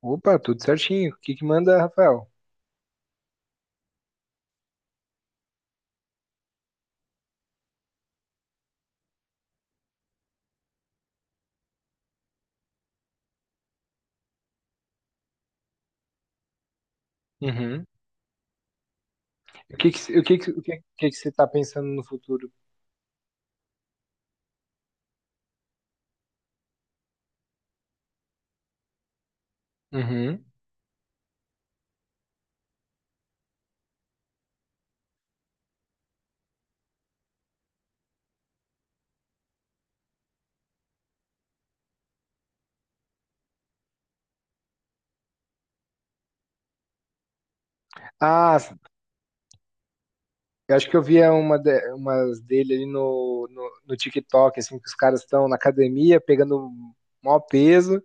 Opa, tudo certinho. O que que manda, Rafael? Uhum. O que que, o que que, o que, que você tá pensando no futuro? Uhum. Ah, eu acho que eu via umas dele ali no TikTok, assim, que os caras estão na academia pegando maior peso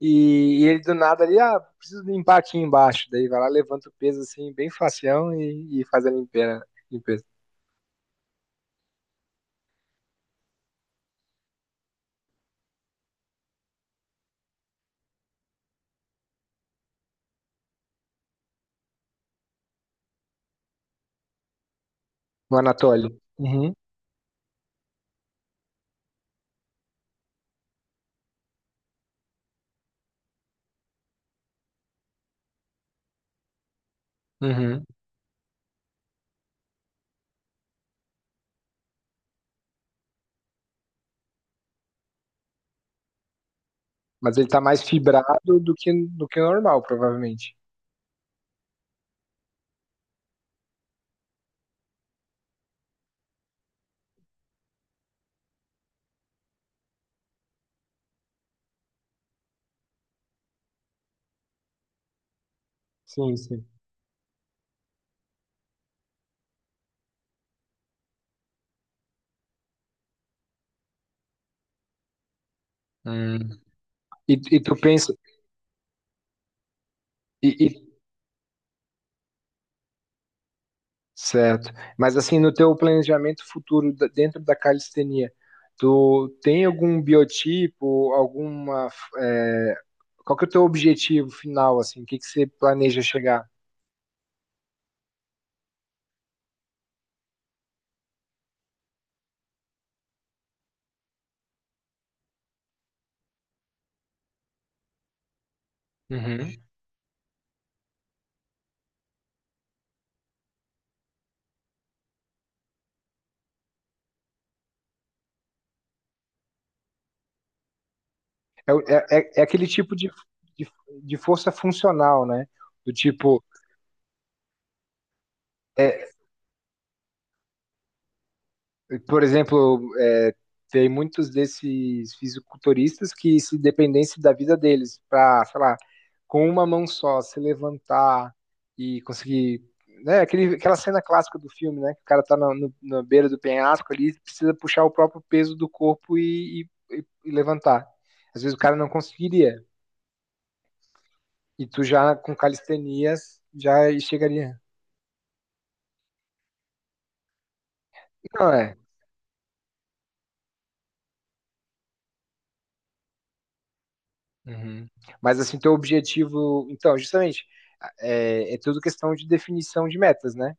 e ele do nada ali, ah, preciso limpar aqui embaixo. Daí vai lá, levanta o peso assim, bem facião e faz a limpeza, limpeza. No Anatoly. Uhum. Uhum. Mas ele tá mais fibrado do que o normal, provavelmente. Sim, sim. E tu pensa, e- Certo. Mas assim, no teu planejamento futuro dentro da calistenia, tu tem algum biotipo, alguma, é, qual que é o teu objetivo final, assim? O que que você planeja chegar? Uhum. É aquele tipo de, de força funcional, né? Do tipo é, Por exemplo, tem muitos desses fisiculturistas que se dependesse da vida deles para, sei lá, com uma mão só se levantar e conseguir, né, aquela cena clássica do filme, né, que o cara tá na, no- na beira do penhasco ali, precisa puxar o próprio peso do corpo e levantar. Às vezes o cara não conseguiria e tu já com calistenias já chegaria. Não é. Uhum. Mas assim, teu objetivo, então, justamente é tudo questão de definição de metas, né?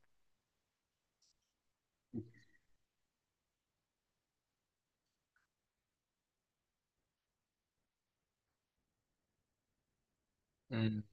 Hum.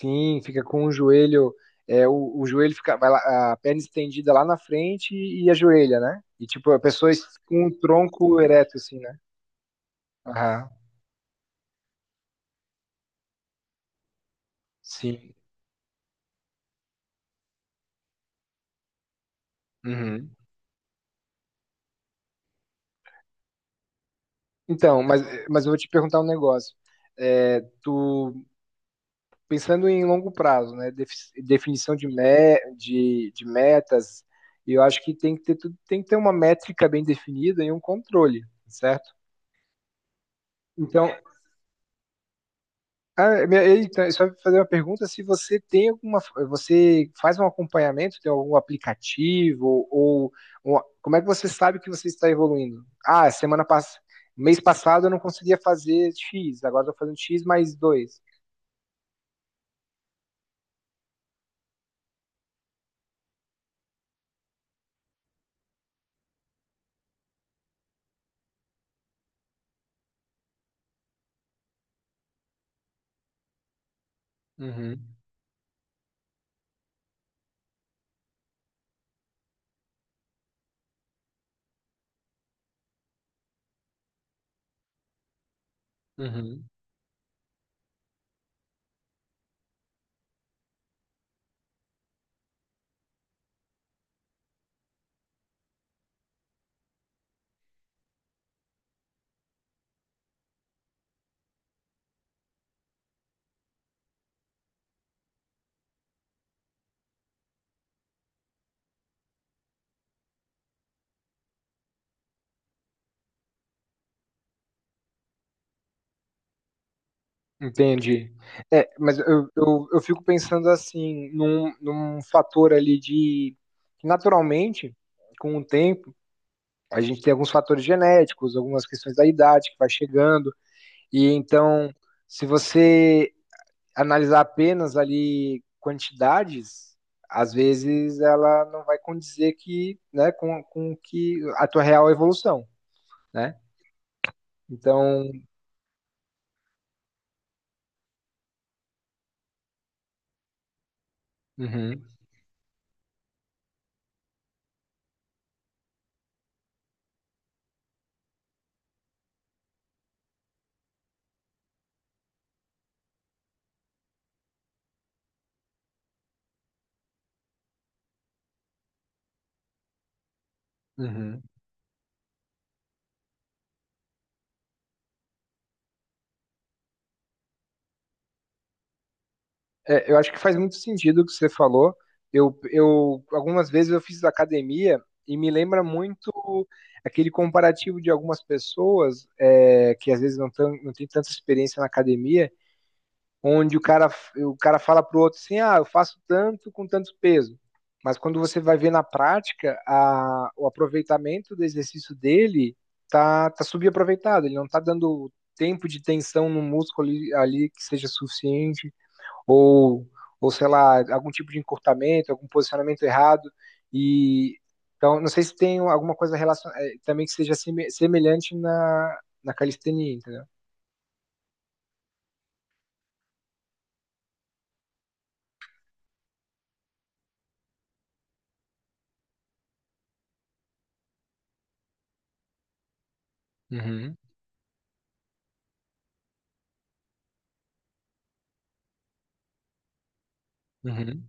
Sim, fica com o joelho, o joelho fica, vai lá, a perna estendida lá na frente e, a joelha, né? E tipo, com o tronco ereto, assim, né? Aham, sim. Uhum. Então, mas, mas eu vou te perguntar um negócio. É, tu, pensando em longo prazo, né? Definição de metas, eu acho que tem que ter, tem que ter uma métrica bem definida e um controle, certo? Então, só fazer uma pergunta, se você tem alguma, você faz um acompanhamento, tem algum aplicativo ou, como é que você sabe que você está evoluindo? Ah, semana passada, mês passado eu não conseguia fazer X, agora estou fazendo X mais dois. Uhum, uhum. Entendi. É, mas eu fico pensando assim, num fator ali de, naturalmente, com o tempo, a gente tem alguns fatores genéticos, algumas questões da idade que vai chegando. E então, se você analisar apenas ali quantidades, às vezes ela não vai condizer que, né, com que a tua real evolução, né? Então, uhum, uhum. É, eu acho que faz muito sentido o que você falou. Eu algumas vezes eu fiz academia e me lembra muito aquele comparativo de algumas pessoas que às vezes não tem tanta experiência na academia, onde o cara fala pro outro assim, ah, eu faço tanto com tanto peso. Mas quando você vai ver na prática, o aproveitamento do exercício dele tá subaproveitado, ele não tá dando tempo de tensão no músculo ali, ali que seja suficiente, ou, ou sei lá, algum tipo de encurtamento, algum posicionamento errado. E então, não sei se tem alguma coisa relacion... eh, também que seja semelhante na calistenia, entendeu? Uhum, uhum,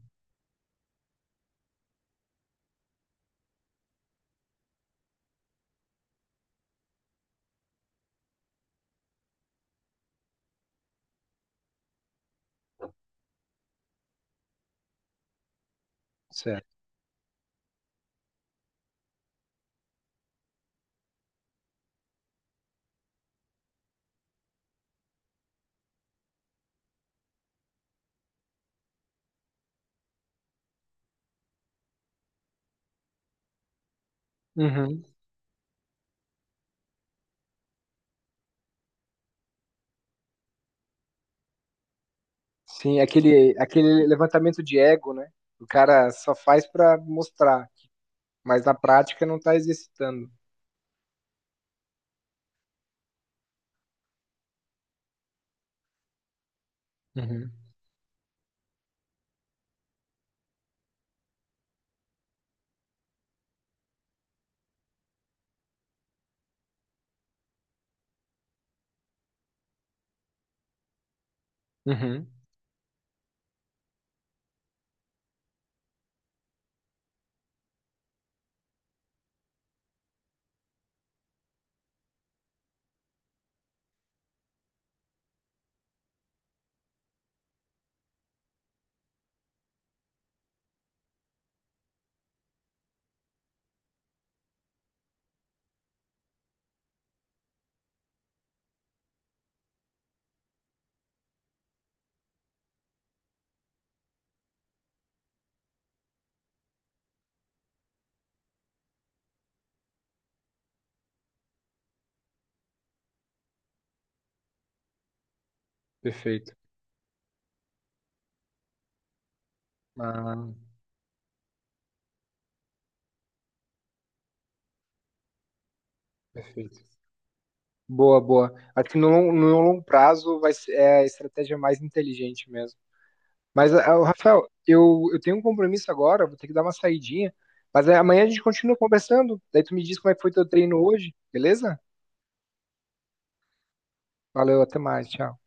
certo. Uhum. Sim, aquele levantamento de ego, né? O cara só faz pra mostrar, mas na prática não tá exercitando. Uhum. Uhum. Perfeito. Ah, perfeito. Boa, boa. Acho que no longo prazo vai ser a estratégia mais inteligente mesmo. Mas, ah, o Rafael, eu tenho um compromisso agora, vou ter que dar uma saidinha. Mas é, amanhã a gente continua conversando. Daí tu me diz como é que foi teu treino hoje, beleza? Valeu, até mais, tchau.